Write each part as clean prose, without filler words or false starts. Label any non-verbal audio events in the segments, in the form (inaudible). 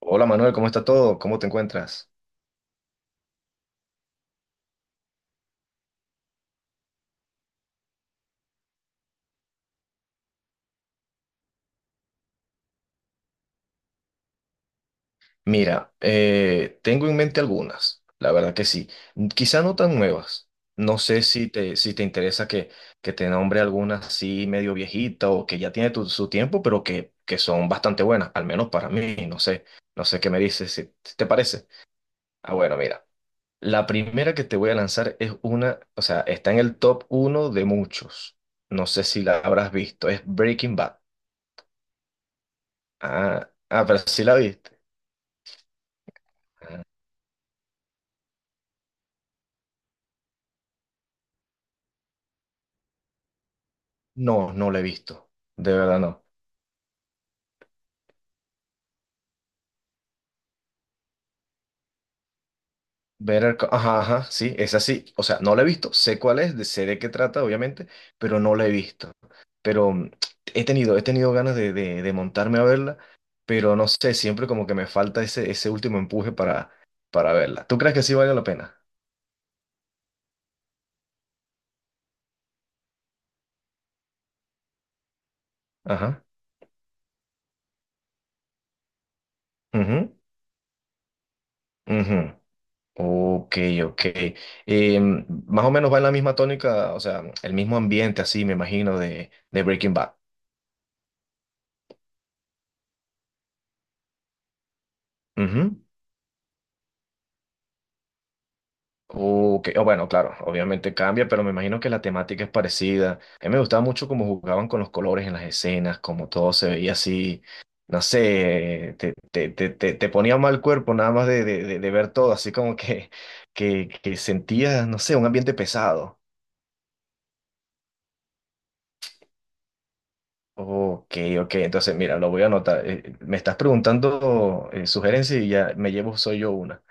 Hola Manuel, ¿cómo está todo? ¿Cómo te encuentras? Mira, tengo en mente algunas, la verdad que sí. Quizá no tan nuevas. No sé si te interesa que te nombre algunas así medio viejita o que ya tiene su tiempo, pero que son bastante buenas, al menos para mí, no sé. No sé qué me dices, si te parece. Ah, bueno, mira. La primera que te voy a lanzar es una, o sea, está en el top uno de muchos. No sé si la habrás visto, es Breaking Bad. Ah, pero sí la viste. No, no la he visto. De verdad no. Ajá, ajá, sí, es así. O sea, no la he visto. Sé cuál es, sé de qué trata, obviamente, pero no la he visto. Pero he tenido ganas de montarme a verla, pero no sé, siempre como que me falta ese último empuje para verla. ¿Tú crees que sí vale la pena? Ajá. Ujú, ujú. Ok, ok. Más o menos va en la misma tónica, o sea, el mismo ambiente así, me imagino, de Breaking Bad. Ujú. Ok, o bueno, claro, obviamente cambia, pero me imagino que la temática es parecida. A mí me gustaba mucho cómo jugaban con los colores en las escenas, cómo todo se veía así, no sé, te ponía mal cuerpo nada más de ver todo, así como (laughs) que sentías, no sé, un ambiente pesado. Ok, ok, entonces mira, lo voy a anotar. Me estás preguntando sugerencias y ya me llevo, soy yo una.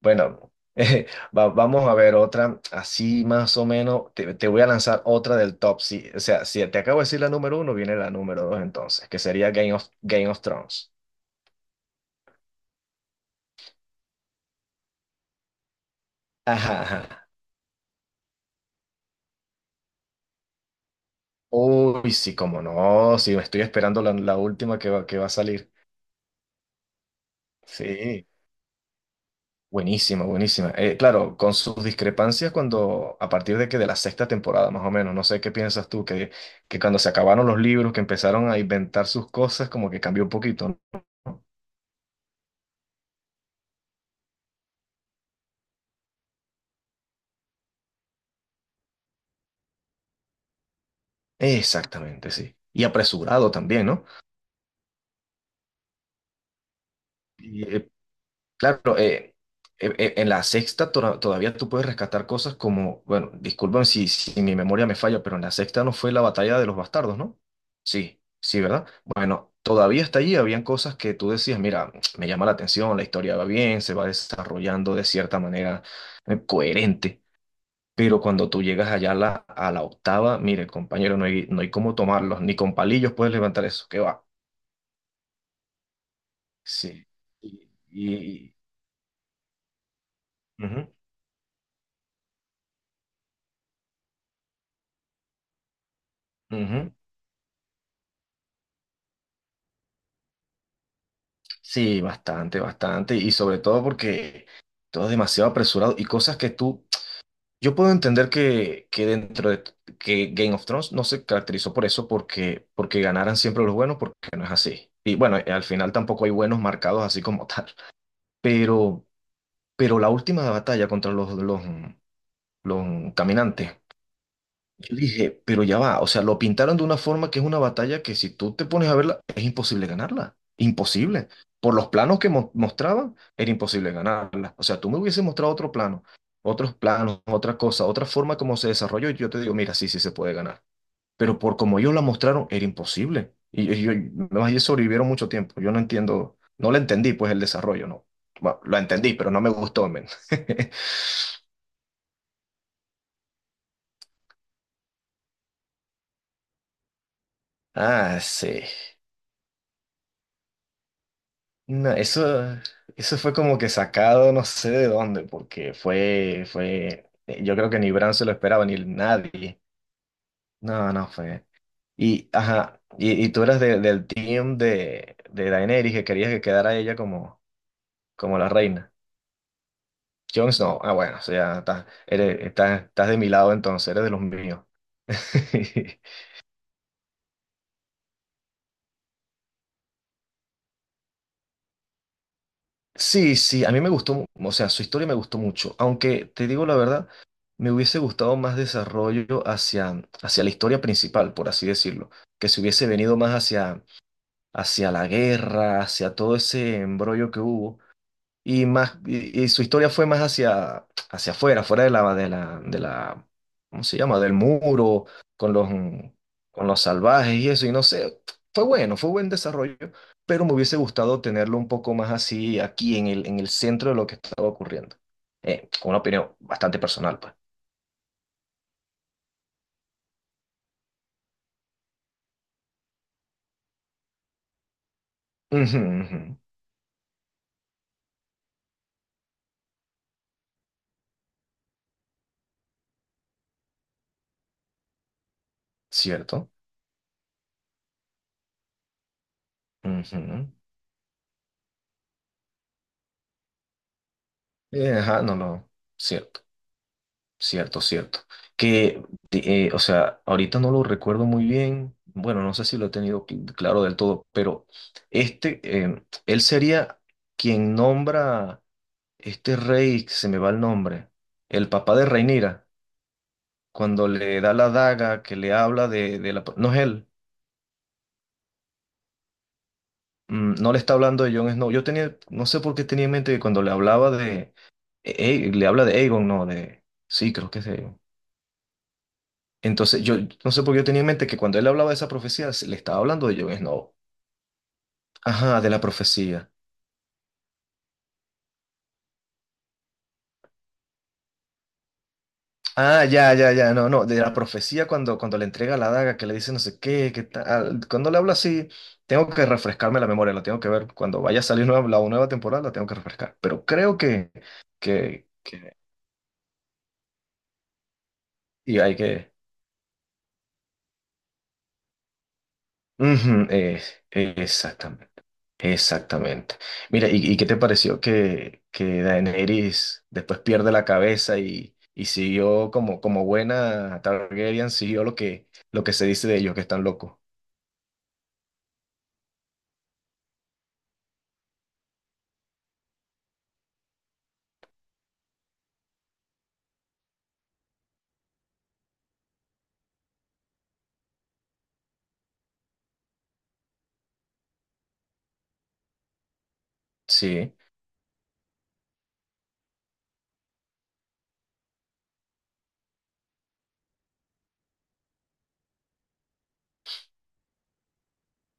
Bueno, (laughs) vamos a ver otra, así más o menos, te voy a lanzar otra del top. Si, o sea, si te acabo de decir la número uno, viene la número dos entonces, que sería Game of Thrones. Ajá, ajá. Uy, sí, cómo no, sí, estoy esperando la última que va a salir. Sí, buenísima, buenísima. Claro, con sus discrepancias cuando, a partir de que de la sexta temporada, más o menos, no sé qué piensas tú, que cuando se acabaron los libros, que empezaron a inventar sus cosas, como que cambió un poquito, ¿no? Exactamente, sí. Y apresurado también, ¿no? Y, eh, claro, eh, en la todavía tú puedes rescatar cosas como, bueno, disculpen si mi memoria me falla, pero en la sexta no fue la batalla de los bastardos, ¿no? Sí, sí, ¿verdad? Bueno, todavía hasta allí habían cosas que tú decías, mira, (tsk) me llama la atención, la historia va bien, se va desarrollando de cierta manera coherente. Pero cuando tú llegas allá a a la octava, mire, compañero, no hay cómo tomarlos, ni con palillos puedes levantar eso, ¿qué va? Sí. Y, y- Ujú, ujú. Sí, bastante, bastante. Y sobre todo porque todo es demasiado apresurado y cosas que tú... Yo puedo entender que dentro de... que Game of Thrones no se caracterizó por eso, porque ganaran siempre los buenos, porque no es así. Y bueno, al final tampoco hay buenos marcados así como (laughs) tal. Pero, pero la última batalla contra los caminantes. Yo dije, pero ya va, o sea, lo pintaron de una forma que es una batalla que si tú te pones a verla, es imposible ganarla, imposible. Por los planos que mostraban, era imposible ganarla. O sea, tú me hubieses mostrado otro plano, otros planos, otra cosa, otra forma como se desarrolló, y yo te digo, mira, sí, sí se puede ganar. Pero por como ellos la mostraron, era imposible. Y yo, además, ellos sobrevivieron mucho tiempo. Yo no entiendo, no la entendí, pues el desarrollo, no. Bueno, lo entendí, pero no me gustó, men. (laughs) Ah, sí. No, eso fue como que sacado no sé de dónde, porque yo creo que ni Bran se lo esperaba, ni nadie. No, no fue. Y, ajá, y tú eras del team de Daenerys, que querías que quedara ella como, como la reina. Jon Snow, ah, bueno, o sea, estás de mi lado entonces, eres de los míos. (laughs) Sí, sí, a mí me gustó, o sea, su historia me gustó mucho, aunque te digo la verdad, me hubiese gustado más desarrollo hacia, hacia la historia principal, por así decirlo, que se hubiese venido más hacia, hacia la guerra, hacia todo ese embrollo que hubo y más y su historia fue más hacia hacia afuera, fuera de la de la de la ¿cómo se llama? Del muro con los con los salvajes y eso y no sé, fue bueno, fue buen desarrollo, pero me hubiese gustado tenerlo un poco más así aquí en el centro de lo que estaba ocurriendo. Una opinión bastante personal, pues. Ujú, ujú, cierto. Ujú. Ajá, no lo cierto. Cierto, cierto. Que, o sea, ahorita no lo recuerdo muy bien. Bueno, no sé si lo he tenido claro del todo, pero este, él sería quien nombra este rey, que se me va el nombre, el papá de Rhaenyra, cuando le da la daga, que le habla de la... No es él, mm, no le está hablando de Jon Snow. Yo tenía, no sé por qué tenía en mente que cuando le hablaba de... le habla de Aegon, no, de... Sí, creo que es de Aegon. Entonces, yo no sé por qué yo tenía en mente que cuando él hablaba de esa profecía, le estaba hablando de Jon Snow. Ajá, de la profecía. Ah, ya, ya, ya, no, no, de la profecía cuando le entrega la daga, que le dice no sé qué, qué tal. Cuando le habla así, tengo que refrescarme la memoria, la tengo que ver. Cuando vaya a salir nueva, la nueva temporada, la tengo que refrescar. Pero creo que, y hay que... Ujú, exactamente. Exactamente. Mira, ¿ y qué te pareció que Daenerys después pierde la cabeza y siguió como, como buena Targaryen, siguió lo lo que se dice de ellos, que están locos? Sí,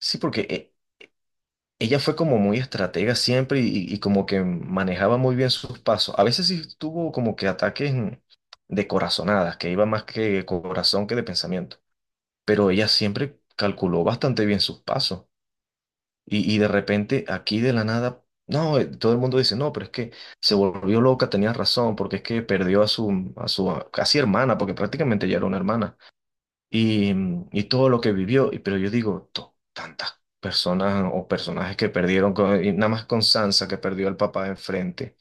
sí, porque ella fue como muy estratega siempre y como que manejaba muy bien sus pasos. A veces sí tuvo como que ataques de corazonadas, que iba más que corazón que de pensamiento, pero ella siempre calculó bastante bien sus pasos. Y de repente, aquí de la nada, no, todo el mundo dice, no, pero es que se volvió loca, tenía razón, porque es que perdió a a su casi hermana, porque prácticamente ya era una hermana, y, y todo lo que vivió. Y- Pero yo digo, Tantas personas o personajes que perdieron, y nada más con Sansa, que perdió al papá enfrente,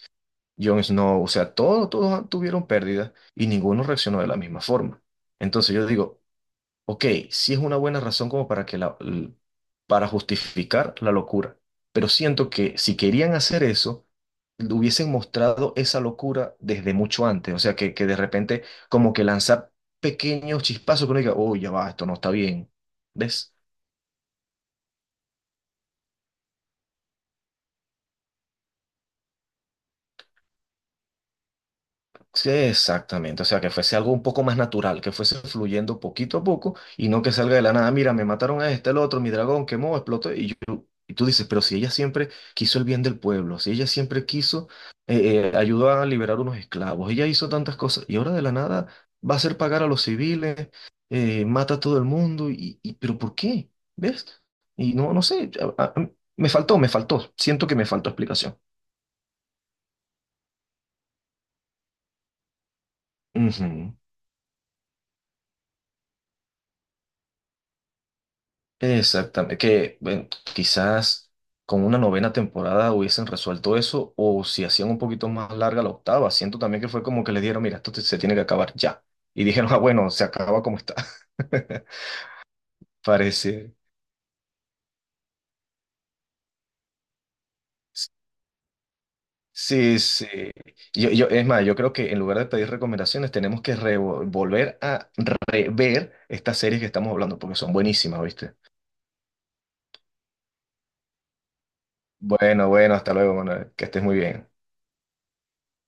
Jon Snow, o sea, todos, todos tuvieron pérdidas y ninguno reaccionó de la misma forma. Entonces yo digo, ok, sí es una buena razón como para que para justificar la locura, pero siento que si querían hacer eso, le hubiesen mostrado esa locura desde mucho antes, o sea, que de repente como que lanzar pequeños chispazos que uno diga, oh, ya va, esto no está bien, ¿ves? Sí, exactamente. O sea, que fuese algo un poco más natural, que fuese fluyendo poquito a poco y no que salga de la nada. Mira, me mataron a este, el otro, mi dragón quemó, explotó. Y tú dices, pero si ella siempre quiso el bien del pueblo, si ella siempre quiso, ayudó a liberar unos esclavos, ella hizo tantas cosas y ahora de la nada va a hacer pagar a los civiles, mata a todo el mundo. Pero ¿por qué? ¿Ves? Y no, no sé, a- a- me faltó, me faltó. Siento que me faltó explicación. Ujú. Exactamente, que bueno, quizás con una novena temporada hubiesen resuelto eso o si hacían un poquito más larga la octava. Siento también que fue como que les dijeron, mira, se tiene que acabar ya. Y dijeron, ah, bueno, se acaba como está. (laughs) Parece. Sí, sí. Es más, yo creo que en lugar de pedir recomendaciones, tenemos que volver a rever estas series que estamos hablando porque son buenísimas, ¿viste? Bueno, bueno, hasta luego, Manuel. Que estés muy bien.